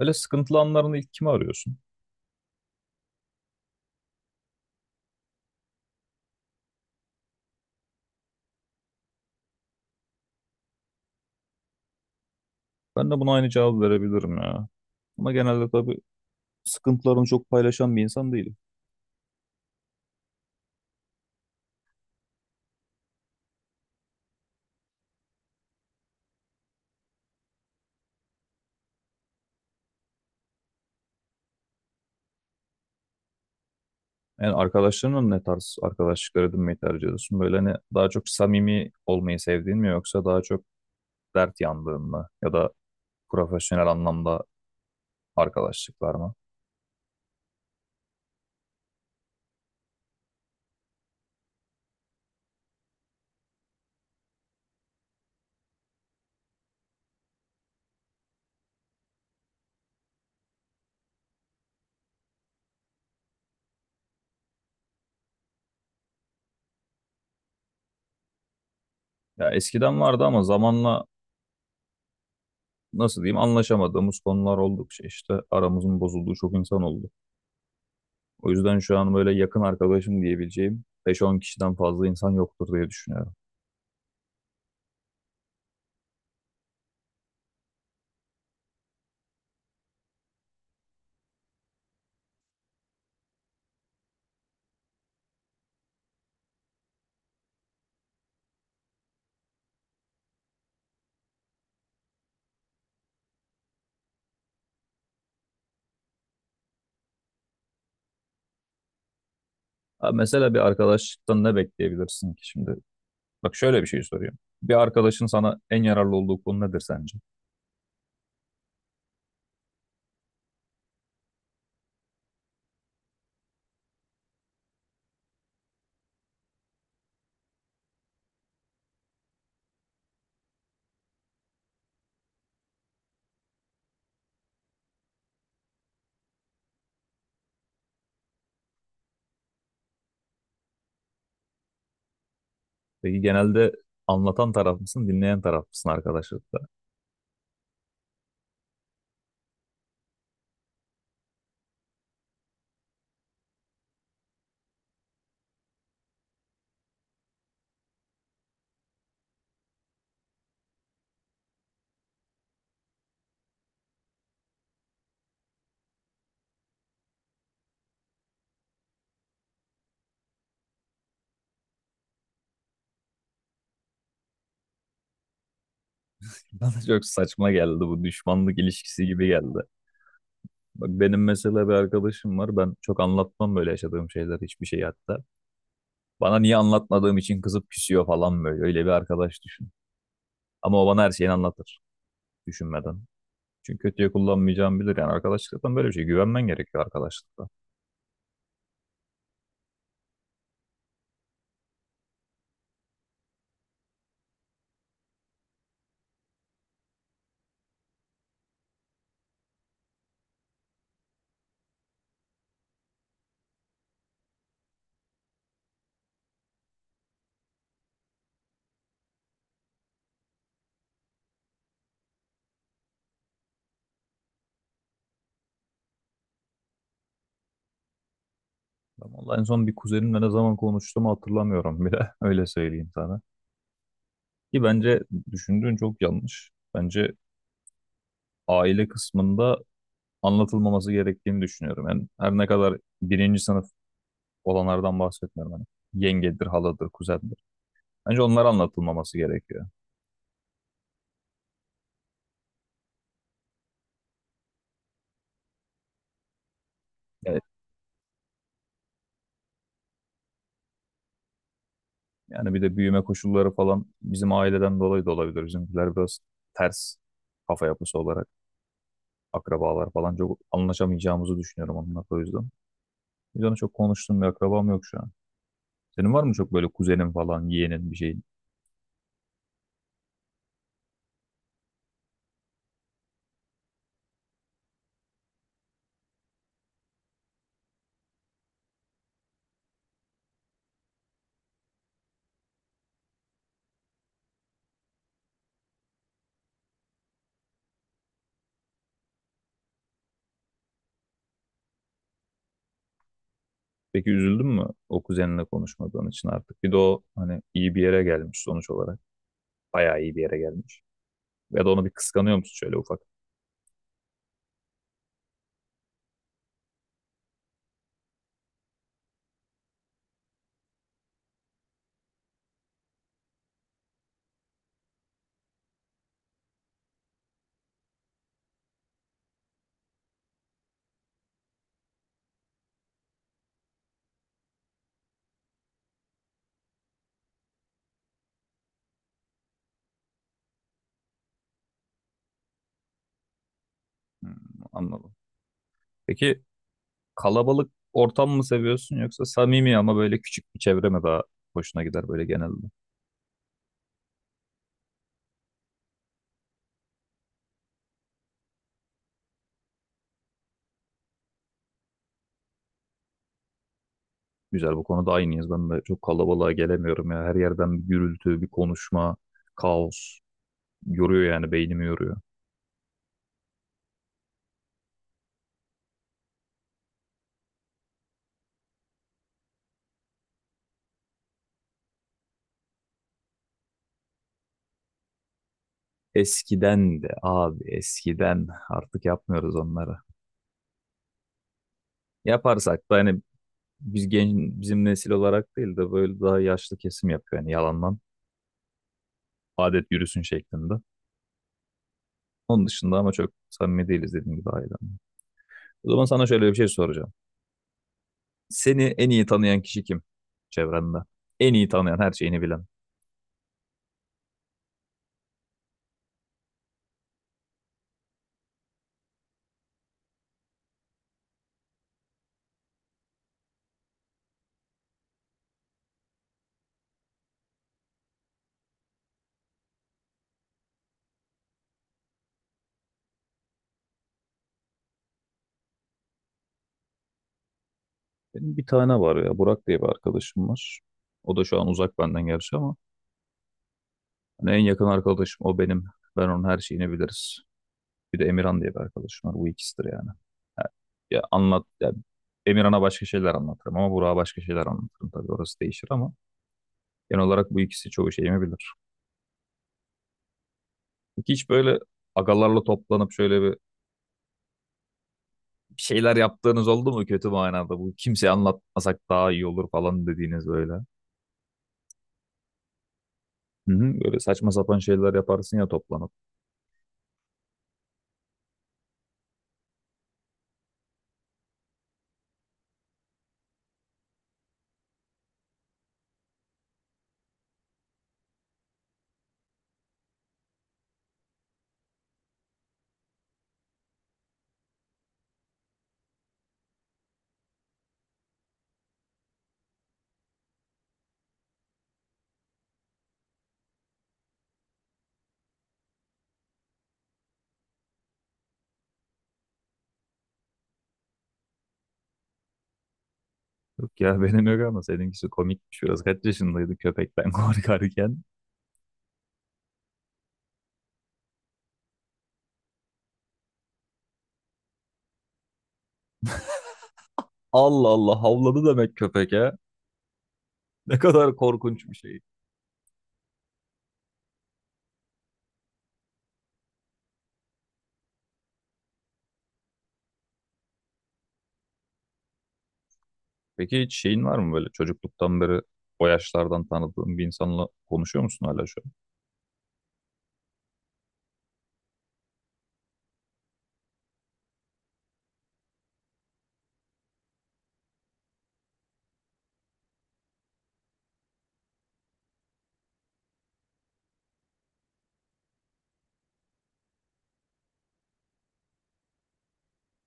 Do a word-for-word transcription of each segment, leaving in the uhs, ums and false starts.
Böyle sıkıntılı anlarında ilk kimi arıyorsun? Ben de buna aynı cevabı verebilirim ya. Ama genelde tabii sıkıntılarını çok paylaşan bir insan değilim. Yani arkadaşlarınla ne tarz arkadaşlıklar edinmeyi tercih ediyorsun? Böyle hani daha çok samimi olmayı sevdiğin mi yoksa daha çok dert yandığın mı? Ya da profesyonel anlamda arkadaşlıklar mı? Ya eskiden vardı ama zamanla nasıl diyeyim anlaşamadığımız konular oldukça işte aramızın bozulduğu çok insan oldu. O yüzden şu an böyle yakın arkadaşım diyebileceğim beş on kişiden fazla insan yoktur diye düşünüyorum. Abi mesela bir arkadaşlıktan ne bekleyebilirsin ki şimdi? Bak şöyle bir şey soruyorum. Bir arkadaşın sana en yararlı olduğu konu nedir sence? Peki genelde anlatan taraf mısın, dinleyen taraf mısın arkadaşlıkta? Bana çok saçma geldi, bu düşmanlık ilişkisi gibi geldi. Bak benim mesela bir arkadaşım var. Ben çok anlatmam böyle, yaşadığım şeyler, hiçbir şey hatta. Bana, niye anlatmadığım için kızıp küsüyor falan böyle. Öyle bir arkadaş düşün. Ama o bana her şeyini anlatır, düşünmeden. Çünkü kötüye kullanmayacağımı bilir. Yani arkadaşlıktan böyle bir şey. Güvenmen gerekiyor arkadaşlıkta. Ben vallahi en son bir kuzenimle ne zaman konuştuğumu hatırlamıyorum bile. Öyle söyleyeyim sana. Ki bence düşündüğün çok yanlış. Bence aile kısmında anlatılmaması gerektiğini düşünüyorum. Yani her ne kadar birinci sınıf olanlardan bahsetmiyorum. Hani yengedir, haladır, kuzendir. Bence onlar anlatılmaması gerekiyor. Yani, yani bir de büyüme koşulları falan bizim aileden dolayı da olabilir. Bizimkiler biraz ters kafa yapısı olarak akrabalar falan çok anlaşamayacağımızı düşünüyorum onunla o yüzden. Biz onu çok konuştuğum bir akrabam yok şu an. Senin var mı çok böyle kuzenin falan, yeğenin bir şeyin? Peki üzüldün mü o kuzeninle konuşmadığın için artık? Bir de o hani iyi bir yere gelmiş sonuç olarak. Bayağı iyi bir yere gelmiş. Ya da onu bir kıskanıyor musun şöyle ufak? Hmm, anladım. Peki kalabalık ortam mı seviyorsun yoksa samimi ama böyle küçük bir çevre mi daha hoşuna gider böyle genelde? Güzel, bu konuda aynıyız. Ben de çok kalabalığa gelemiyorum ya. Her yerden bir gürültü, bir konuşma, kaos. Yoruyor, yani beynimi yoruyor. Eskiden de abi, eskiden artık yapmıyoruz onları. Yaparsak da hani biz genç, bizim nesil olarak değil de böyle daha yaşlı kesim yapıyor, yani yalandan adet yürüsün şeklinde. Onun dışında ama çok samimi değiliz, dediğim gibi, ailemle. O zaman sana şöyle bir şey soracağım. Seni en iyi tanıyan kişi kim çevrende? En iyi tanıyan, her şeyini bilen. Benim bir tane var ya, Burak diye bir arkadaşım var. O da şu an uzak benden gerçi ama hani en yakın arkadaşım o benim. Ben onun her şeyini biliriz. Bir de Emirhan diye bir arkadaşım var. Bu ikisidir yani. Ha, ya anlat ya, Emirhan'a başka şeyler anlatırım ama Burak'a başka şeyler anlatırım, tabii orası değişir ama genel olarak bu ikisi çoğu şeyimi bilir. Peki hiç böyle agalarla toplanıp şöyle bir bir şeyler yaptığınız oldu mu, kötü manada, bu kimseye anlatmasak daha iyi olur falan dediğiniz, böyle? Hı hı, böyle saçma sapan şeyler yaparsın ya toplanıp. Yok ya, benim yok ama seninkisi komikmiş biraz. Kaç yaşındaydı köpekten korkarken? Allah Allah, havladı demek köpek ya. Ne kadar korkunç bir şey. Peki hiç şeyin var mı böyle çocukluktan beri, o yaşlardan tanıdığın bir insanla konuşuyor musun hala şu an?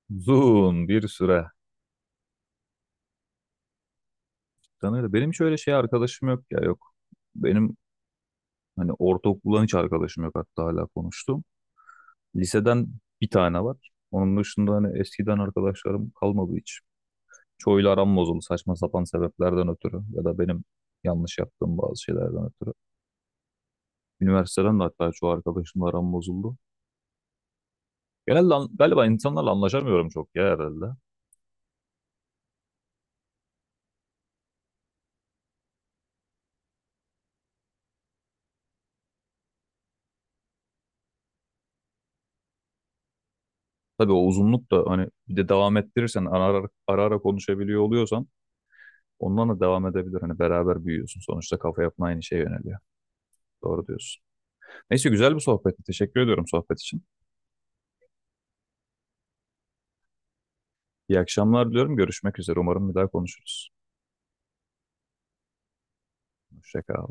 Uzun bir süre. Tanıyla. Benim hiç öyle şey arkadaşım yok ya, yok. Benim hani ortaokuldan hiç arkadaşım yok, hatta hala konuştum. Liseden bir tane var. Onun dışında hani eskiden arkadaşlarım kalmadı hiç. Çoğuyla aram bozuldu, saçma sapan sebeplerden ötürü ya da benim yanlış yaptığım bazı şeylerden ötürü. Üniversiteden de hatta çoğu arkadaşımla aram bozuldu. Genelde an- galiba insanlarla anlaşamıyorum çok ya, herhalde. Tabii o uzunluk da hani, bir de devam ettirirsen ara ara, ara ara konuşabiliyor oluyorsan ondan da devam edebilir. Hani beraber büyüyorsun. Sonuçta kafa yapın aynı şeye yöneliyor. Doğru diyorsun. Neyse, güzel bir sohbetti. Teşekkür ediyorum sohbet için. İyi akşamlar diliyorum. Görüşmek üzere. Umarım bir daha konuşuruz. Hoşça kal.